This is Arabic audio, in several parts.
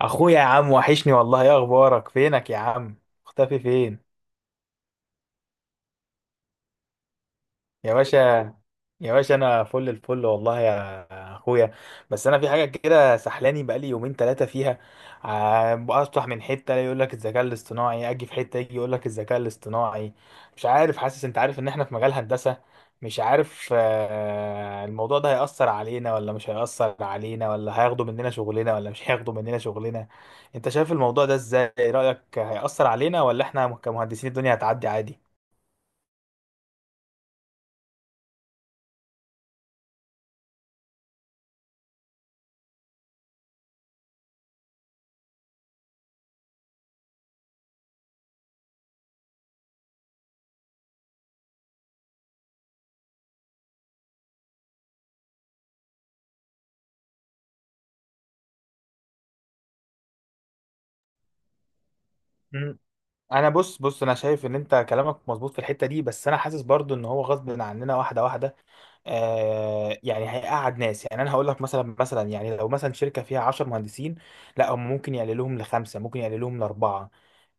اخويا، يا عم وحشني والله، ايه اخبارك؟ فينك يا عم؟ مختفي فين؟ يا باشا، يا باشا انا فل الفل والله يا اخويا. بس انا في حاجه كده سحلاني بقالي يومين ثلاثه فيها، افتح من حته يقول لك الذكاء الاصطناعي، اجي في حته يجي يقول لك الذكاء الاصطناعي. مش عارف، حاسس، انت عارف ان احنا في مجال هندسه، مش عارف، الموضوع ده هيأثر علينا ولا مش هيأثر علينا؟ ولا هياخدوا مننا شغلنا ولا مش هياخدوا مننا شغلنا؟ انت شايف الموضوع ده ازاي؟ رأيك هيأثر علينا ولا احنا كمهندسين الدنيا هتعدي عادي؟ انا بص انا شايف ان انت كلامك مظبوط في الحته دي، بس انا حاسس برضو ان هو غصب عننا واحده واحده. آه يعني هيقعد ناس، يعني انا هقول لك مثلا يعني لو مثلا شركه فيها 10 مهندسين، لا هم ممكن يقللوهم لخمسه، ممكن يقللوهم لاربعه،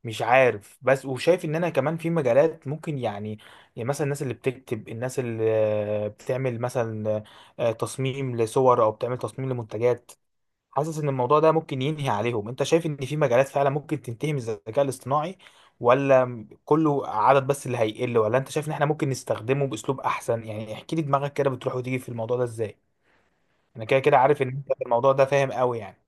مش عارف. بس وشايف ان انا كمان في مجالات ممكن يعني، يعني مثلا الناس اللي بتكتب، الناس اللي بتعمل مثلا تصميم لصور او بتعمل تصميم لمنتجات، حاسس ان الموضوع ده ممكن ينهي عليهم. انت شايف ان في مجالات فعلا ممكن تنتهي من الذكاء الاصطناعي، ولا كله عدد بس اللي هيقل؟ ولا انت شايف ان احنا ممكن نستخدمه باسلوب احسن؟ يعني احكي لي دماغك كده، بتروح وتيجي في الموضوع ده ازاي؟ انا كده كده عارف ان انت في الموضوع ده فاهم قوي يعني.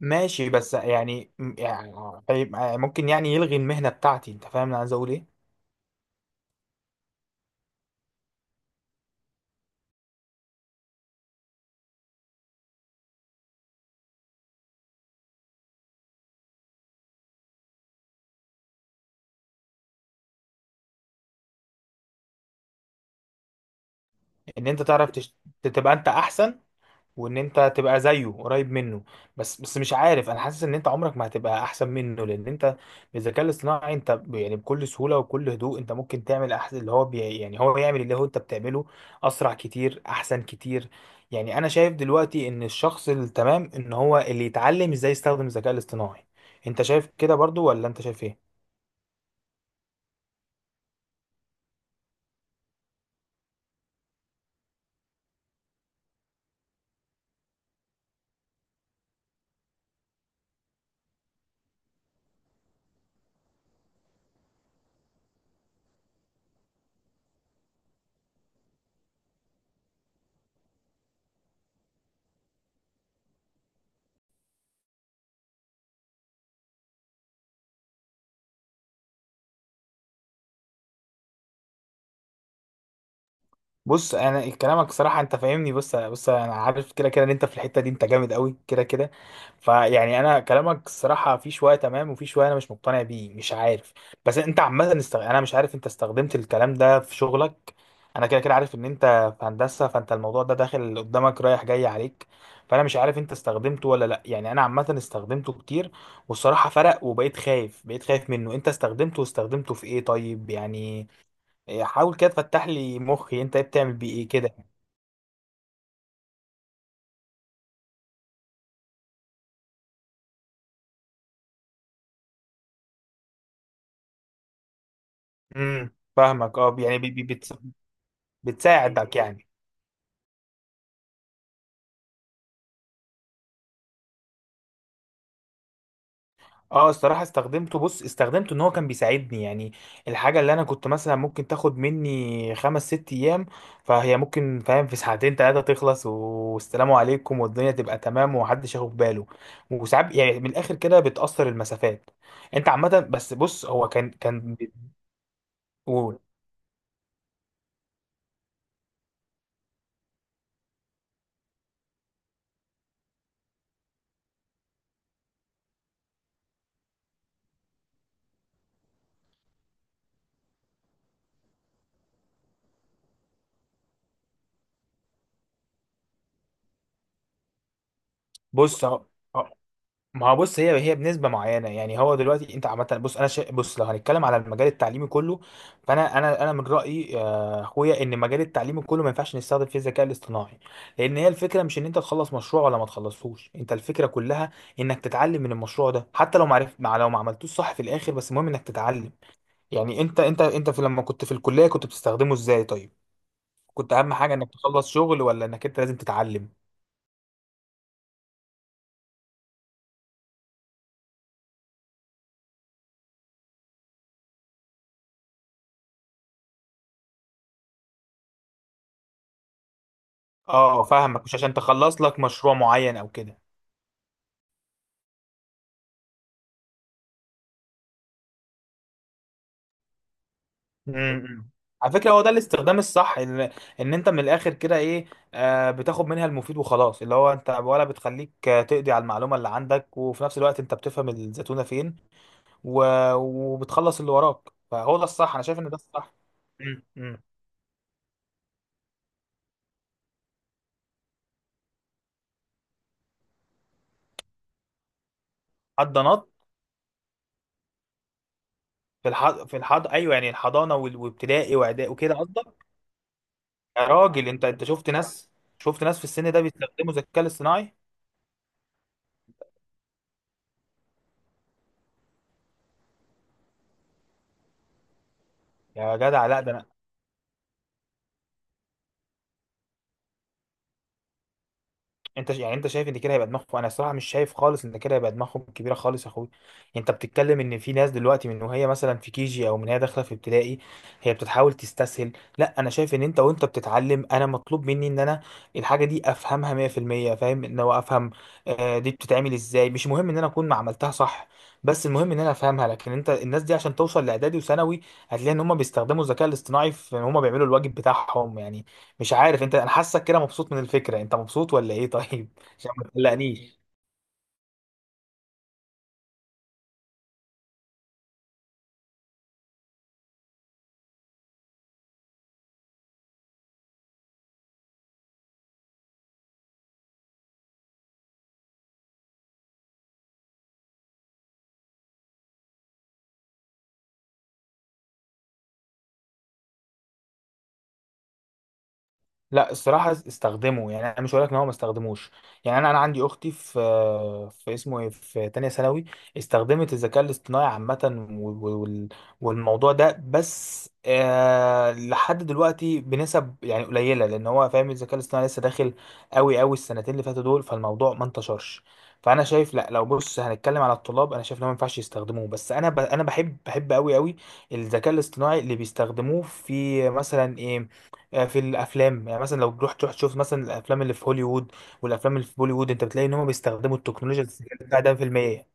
ماشي، بس يعني يعني، ممكن يعني يلغي المهنة بتاعتي، انت فاهم انا عايز اقول ايه؟ ان انت تبقى انت احسن، وان انت تبقى زيه قريب منه. بس بس مش عارف، انا حاسس ان انت عمرك ما هتبقى احسن منه، لان انت بالذكاء الاصطناعي انت يعني بكل سهوله وبكل هدوء انت ممكن تعمل احسن اللي هو بي، يعني هو يعمل اللي هو انت بتعمله اسرع كتير، احسن كتير. يعني انا شايف دلوقتي ان الشخص التمام ان هو اللي يتعلم ازاي يستخدم الذكاء الاصطناعي. انت شايف كده برضو ولا انت شايف ايه؟ بص، انا كلامك صراحه انت فاهمني، بص انا عارف كده كده ان انت في الحته دي انت جامد قوي كده كده. فيعني انا كلامك الصراحه في شويه تمام، وفي شويه انا مش مقتنع بيه، مش عارف. بس انت عامه، انا مش عارف انت استخدمت الكلام ده في شغلك. انا كده كده عارف ان انت في هندسه، فانت الموضوع ده داخل قدامك رايح جاي عليك، فانا مش عارف انت استخدمته ولا لا. يعني انا عامه استخدمته كتير، والصراحه فرق، وبقيت خايف، بقيت خايف منه. انت استخدمته واستخدمته في ايه طيب؟ يعني حاول كده تفتح لي مخي، انت إيه بتعمل بيه ايه كده؟ فاهمك. اه يعني بتساعدك يعني. اه الصراحه استخدمته، بص استخدمته ان هو كان بيساعدني، يعني الحاجه اللي انا كنت مثلا ممكن تاخد مني خمس ست ايام، فهي ممكن، فاهم، في ساعتين ثلاثه تخلص، والسلام عليكم، والدنيا تبقى تمام ومحدش ياخد باله. وساعات يعني من الاخر كده بتاثر المسافات. انت عامه، بس بص هو كان كان بيقول. بص اهو، ما هو بص هي هي بنسبه معينه، يعني هو دلوقتي انت عامه بص انا بص لو هنتكلم على المجال التعليمي كله، فانا انا من رايي، اخويا، ان المجال التعليمي كله ما ينفعش نستخدم فيه الذكاء الاصطناعي، لان هي الفكره مش ان انت تخلص مشروع ولا ما تخلصهوش، انت الفكره كلها انك تتعلم من المشروع ده، حتى لو ما عرفت، مع لو ما عملتوش صح في الاخر، بس المهم انك تتعلم. يعني انت في لما كنت في الكليه كنت بتستخدمه ازاي طيب؟ كنت اهم حاجه انك تخلص شغل ولا انك انت لازم تتعلم؟ اه، فاهمك، مش عشان تخلص لك مشروع معين او كده. امم على فكرة هو ده الاستخدام الصح، ان ان انت من الاخر كده ايه، آه بتاخد منها المفيد وخلاص، اللي هو انت، ولا بتخليك تقضي على المعلومة اللي عندك، وفي نفس الوقت انت بتفهم الزتونة فين، و... وبتخلص اللي وراك، فهو ده الصح. انا شايف ان ده الصح. امم حضانات. في الح... في الحض ايوه، يعني الحضانة، وابتدائي واعدادي وكده قصدك؟ يا راجل، انت شفت ناس في السن ده بيستخدموا الذكاء الاصطناعي؟ يا جدع لا ده. انت يعني انت شايف ان كده هيبقى دماغهم؟ انا الصراحه مش شايف خالص ان كده هيبقى دماغهم كبيره خالص يا اخوي. انت بتتكلم ان في ناس دلوقتي من وهي مثلا في كيجي او من هي داخله في ابتدائي، هي بتتحاول تستسهل. لا انا شايف ان انت وانت بتتعلم انا مطلوب مني ان انا الحاجه دي افهمها 100%، فاهم ان هو افهم دي بتتعمل ازاي. مش مهم ان انا اكون ما عملتها صح، بس المهم ان انا افهمها. لكن انت الناس دي عشان توصل لاعدادي وثانوي هتلاقي ان هم بيستخدموا الذكاء الاصطناعي في ان هم بيعملوا الواجب بتاعهم يعني. مش عارف انت، انا حاسك كده مبسوط من الفكره، انت مبسوط ولا ايه طيب عشان ما تقلقنيش. لا الصراحة استخدمه، يعني أنا مش هقول لك إن هو ما استخدموش، يعني أنا عندي أختي في، في اسمه إيه، في تانية ثانوي، استخدمت الذكاء الاصطناعي عامة، والموضوع ده، بس آه لحد دلوقتي بنسب يعني قليلة، لأن هو فاهم الذكاء الاصطناعي لسه داخل أوي أوي السنتين اللي فاتوا دول، فالموضوع ما انتشرش. فأنا شايف لا، لو بص هنتكلم على الطلاب، أنا شايف إن هو ما ينفعش يستخدموه. بس أنا بحب بحب أوي أوي الذكاء الاصطناعي اللي بيستخدموه في مثلا إيه، في الافلام، يعني مثلا لو رحت تروح تشوف مثلا الافلام اللي في هوليوود والافلام اللي في بوليوود، انت بتلاقي ان هم بيستخدموا التكنولوجيا الذكيه بتاع ده في المية.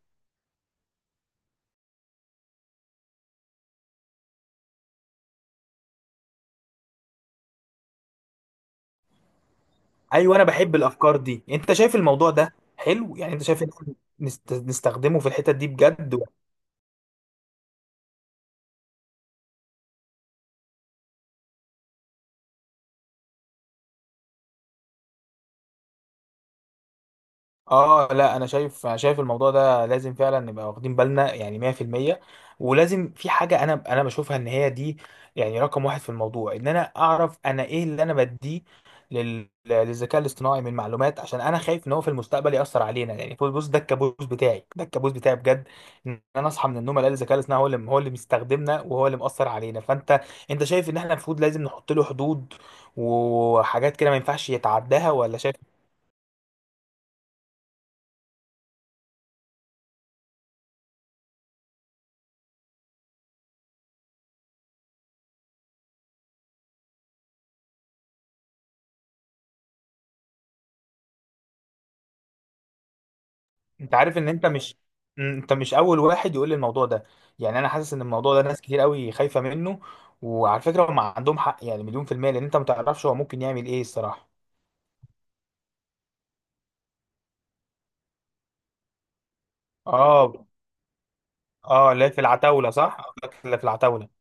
ايوه، انا بحب الافكار دي، انت شايف الموضوع ده حلو؟ يعني انت شايف ان إحنا نستخدمه في الحتت دي بجد؟ اه لا، انا شايف الموضوع ده لازم فعلا نبقى واخدين بالنا يعني 100%. ولازم في حاجه انا بشوفها ان هي دي، يعني رقم واحد في الموضوع، ان انا اعرف انا ايه اللي انا بديه للذكاء الاصطناعي من معلومات، عشان انا خايف ان هو في المستقبل ياثر علينا. يعني بص ده الكابوس بتاعي، ده الكابوس بتاعي بجد، ان انا اصحى من النوم الاقي الذكاء الاصطناعي هو اللي، هو اللي مستخدمنا وهو اللي مأثر علينا. فانت، انت شايف ان احنا المفروض لازم نحط له حدود وحاجات كده ما ينفعش يتعداها ولا شايف؟ انت عارف ان انت مش اول واحد يقول لي الموضوع ده، يعني انا حاسس ان الموضوع ده ناس كتير قوي خايفة منه. وعلى فكرة هم عندهم حق يعني مليون في المية، لان انت ما تعرفش هو ممكن يعمل ايه الصراحة. اه، اه. لا في العتاولة صح، لا في العتاولة.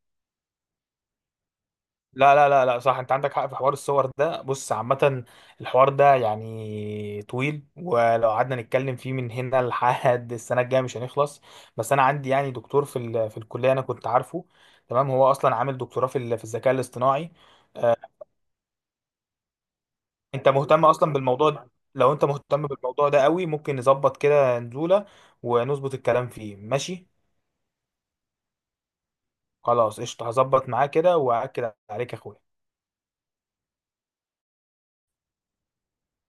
لا لا لا لا، صح، انت عندك حق في حوار الصور ده. بص عامة الحوار ده يعني طويل، ولو قعدنا نتكلم فيه من هنا لحد السنة الجاية مش هنخلص. بس انا عندي يعني دكتور في الكلية انا كنت عارفه تمام، هو اصلا عامل دكتوراه في الذكاء الاصطناعي. آه، انت مهتم اصلا بالموضوع ده؟ لو انت مهتم بالموضوع ده قوي ممكن نظبط كده نزولة ونظبط الكلام فيه، ماشي. خلاص قشطة، هظبط معاه كده واكد عليك يا اخويا.